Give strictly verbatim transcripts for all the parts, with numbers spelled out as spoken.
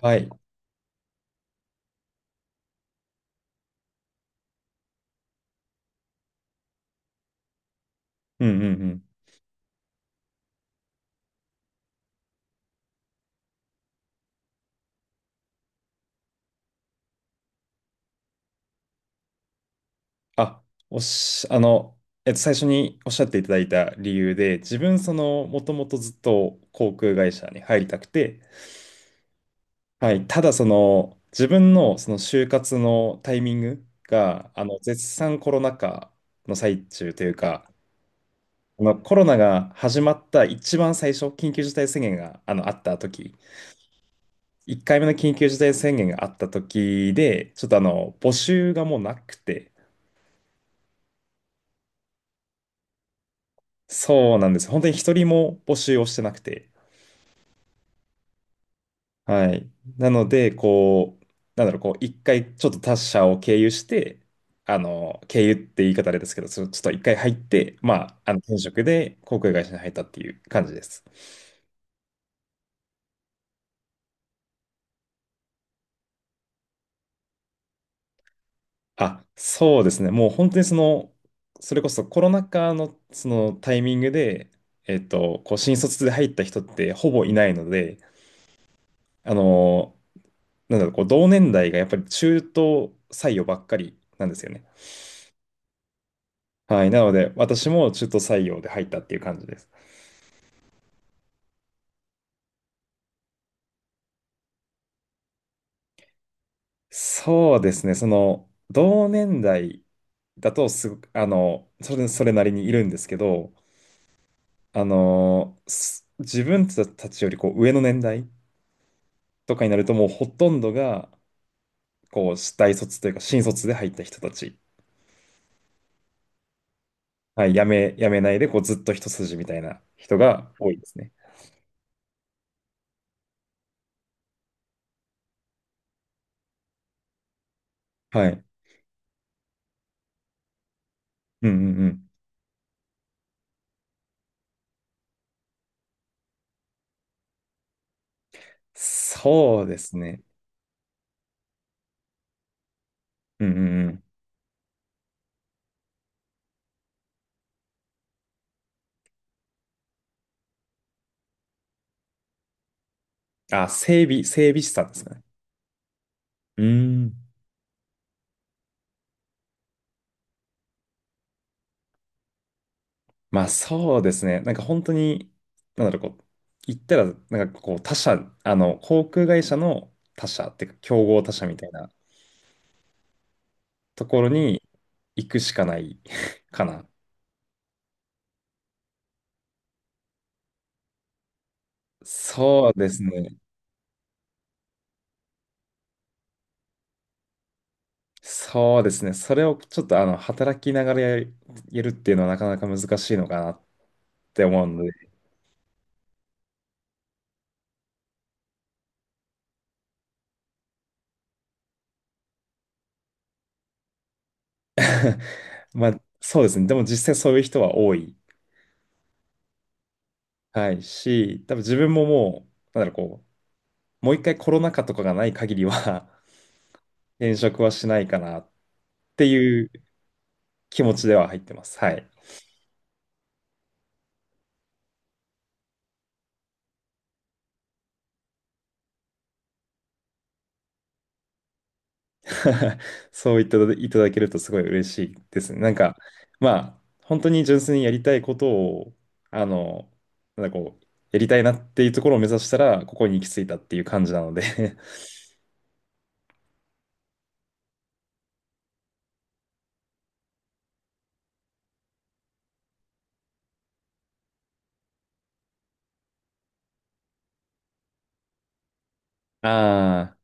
はい。うんうんうん。あ、おし、あの、えっと、最初におっしゃっていただいた理由で、自分、その、もともとずっと航空会社に入りたくて、はい。ただ、その、自分の、その、就活のタイミングが、あの、絶賛コロナ禍の最中というか、あのコロナが始まった一番最初、緊急事態宣言が、あの、あった時、いっかいめの緊急事態宣言があった時で、ちょっと、あの、募集がもうなくて、そうなんです。本当に一人も募集をしてなくて。はい。なので、こう、なんだろう、こう、一回ちょっと他社を経由して、あの、経由って言い方あれですけど、そのちょっと一回入って、まあ、あの、転職で航空会社に入ったっていう感じです。あ、そうですね。もう本当にその、それこそコロナ禍のそのタイミングで、えっと、こう、新卒で入った人ってほぼいないので、あの、なんだろう、こう、同年代がやっぱり中途採用ばっかりなんですよね。はい。なので、私も中途採用で入ったっていう感じです。そうですね。その、同年代だとすごく、あの、それ、それなりにいるんですけど、あの、す自分たちよりこう上の年代とかになると、もうほとんどが、こう、大卒というか、新卒で入った人たち。はい。辞め、辞めないで、こう、ずっと一筋みたいな人が多いですね。はい。うんうんうん。そうですね。うんうんうん。あ、整備、整備士さんですかね。うーん。まあそうですね。なんか本当に、なんだろう、こう、言ったら、なんかこう、他社、あの、航空会社の他社っていうか、競合他社みたいなところに行くしかない かな。そうですね。そうですね。それをちょっと、あの、働きながらやるやるっていうのはなかなか難しいのかなって思うので、まあそうですね。でも実際そういう人は多い。はい。し、多分自分ももう、なんだろう、こう、もう一回コロナ禍とかがない限りは転職はしないかなっていう気持ちでは入ってます。はい。そう言っていただけるとすごい嬉しいですね。なんか、まあ、本当に純粋にやりたいことを、あの、なんかこう、やりたいなっていうところを目指したら、ここに行き着いたっていう感じなので ああ、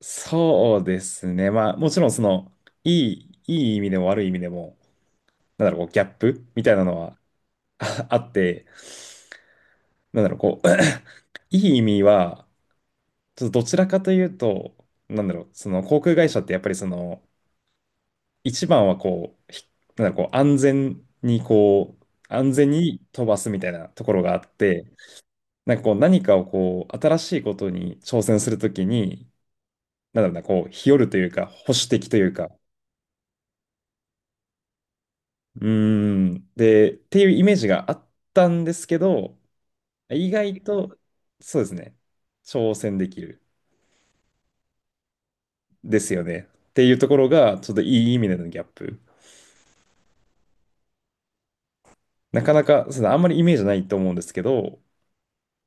そうですね。まあ、もちろん、その、いい、いい意味でも悪い意味でも、なんだろう、こう、ギャップみたいなのは ああって、なんだろう、こう、いい意味は、ちょっとどちらかというと、なんだろう、その航空会社ってやっぱりその、一番はこう、ひなんだろう、こう安全にこう、安全に飛ばすみたいなところがあって、なんかこう何かをこう、新しいことに挑戦するときに、なんだろうな、こう、日和るというか、保守的というか、うーん、で、っていうイメージがあったんですけど、意外と、そうですね、挑戦できるですよね。っていうところが、ちょっといい意味でのギャップ。なかなか、そうですね、あんまりイメージないと思うんですけど、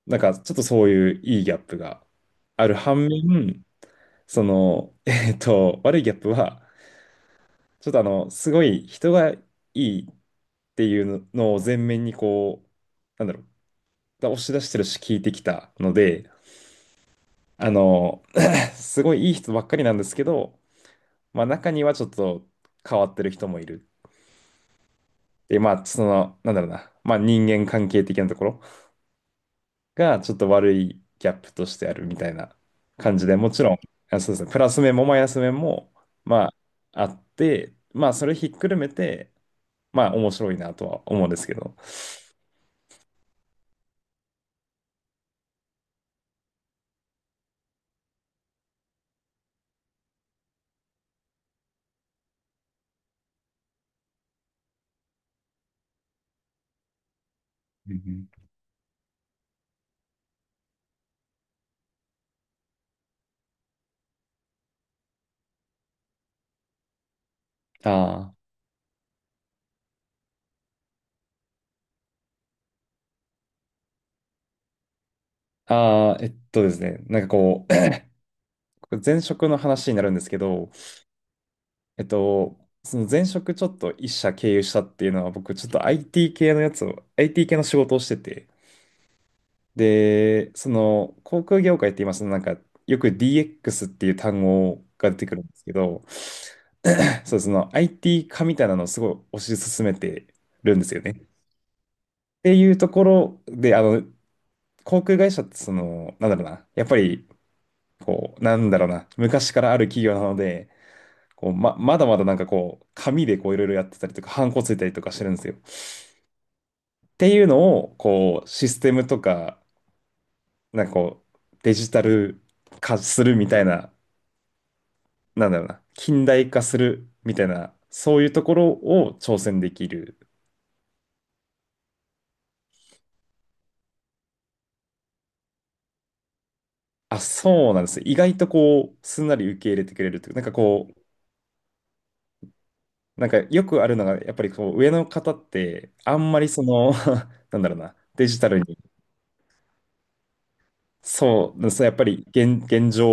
なんかちょっとそういういいギャップがある反面、その、えっと、悪いギャップは、ちょっとあの、すごい人がいいっていうのを前面にこう、なんだろう、押し出してるし聞いてきたので、あの、すごいいい人ばっかりなんですけど、まあ中にはちょっと変わってる人もいる。で、まあその、なんだろうな、まあ人間関係的なところがちょっと悪いギャップとしてあるみたいな感じで、もちろん、あ、そうですね、プラス面もマイナス面も、まあ、あって、まあ、それひっくるめて、まあ、面白いなとは思うんですけど。うんうん、あーあー。あ、えっとですね、なんかこう、これ前職の話になるんですけど、えっと、その前職ちょっと一社経由したっていうのは、僕ちょっと アイティー 系のやつを、アイティー 系の仕事をしてて、で、その航空業界って今、そのなんか、よく ディーエックス っていう単語が出てくるんですけど、そう、その アイティー 化みたいなのをすごい推し進めてるんですよね。っていうところで、あの、航空会社ってその、なんだろうな、やっぱり、こう、なんだろうな、昔からある企業なので、こう、ま、まだまだなんかこう、紙でこう、いろいろやってたりとか、ハンコついたりとかしてるんですよ。っていうのを、こう、システムとか、なんかこう、デジタル化するみたいな、なんだろうな、近代化するみたいな、そういうところを挑戦できる。あ、そうなんです。意外とこう、すんなり受け入れてくれるというか、なんかこう、なんかよくあるのが、やっぱりこう、上の方って、あんまりその、なんだろうな、デジタルに、そう、そうやっぱり現、現状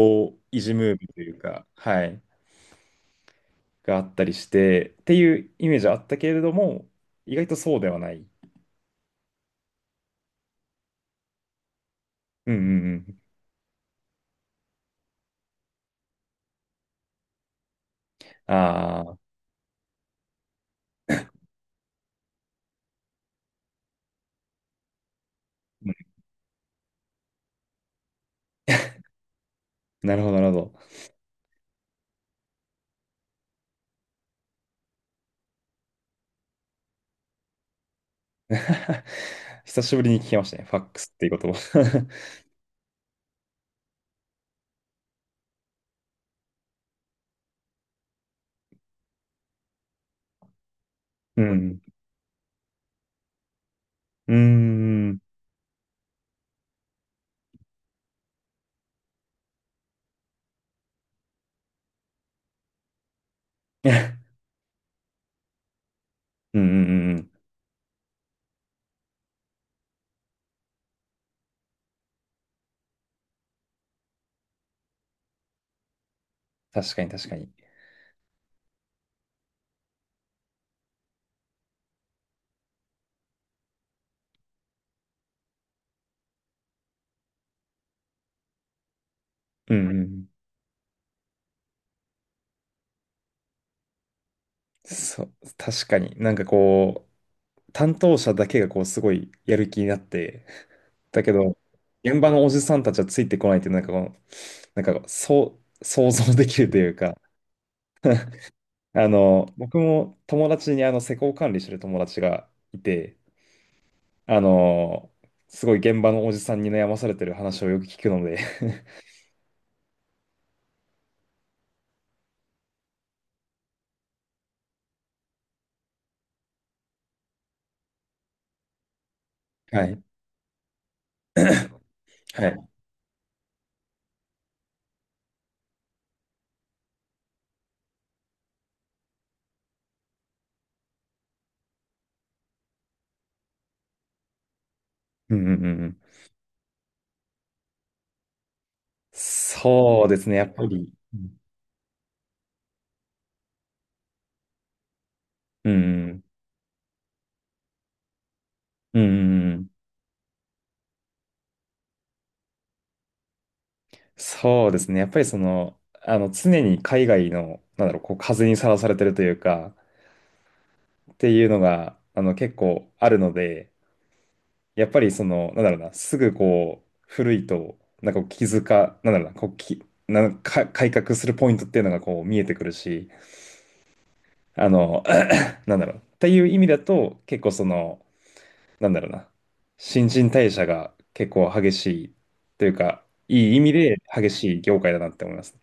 維持ムービーというか、はい、があったりして、っていうイメージはあったけれども、意外とそうではない。うんうんうん。ああ、なるほど、なるほど。久しぶりに聞きましたね。ファックスっていう言葉。うん。うん。うーん。 うんうんうん。確かに、確かに。うんうん。そう、確かに。なんかこう、担当者だけがこう、すごいやる気になって、だけど、現場のおじさんたちはついてこないって、なんかこう、なんかそう、想像できるというか、あの、僕も友達にあの、施工管理してる友達がいて、あのーすごい現場のおじさんに悩まされてる話をよく聞くので はい。はい。うんうんうんうん。そうですね、やっぱり。うん。うんうんうんうん。そうですね、やっぱりその、あの、常に海外の、なんだろう、こう、風にさらされてるというか、っていうのが、あの、結構あるので、やっぱりその、なんだろうな、すぐこう、古いと、なんかこう気づか、なんだろうな、こう、き、なんか改革するポイントっていうのがこう見えてくるし、あの、なんだろう。っていう意味だと、結構その、なんだろうな。新陳代謝が結構激しいというか、いい意味で激しい業界だなって思いますね。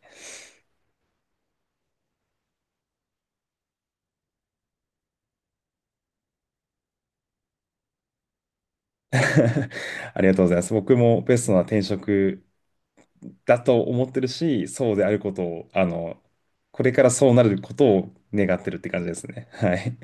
ありがとうございます。僕もベストな転職だと思ってるし、そうであることを、あの、これからそうなることを願ってるって感じですね。はい。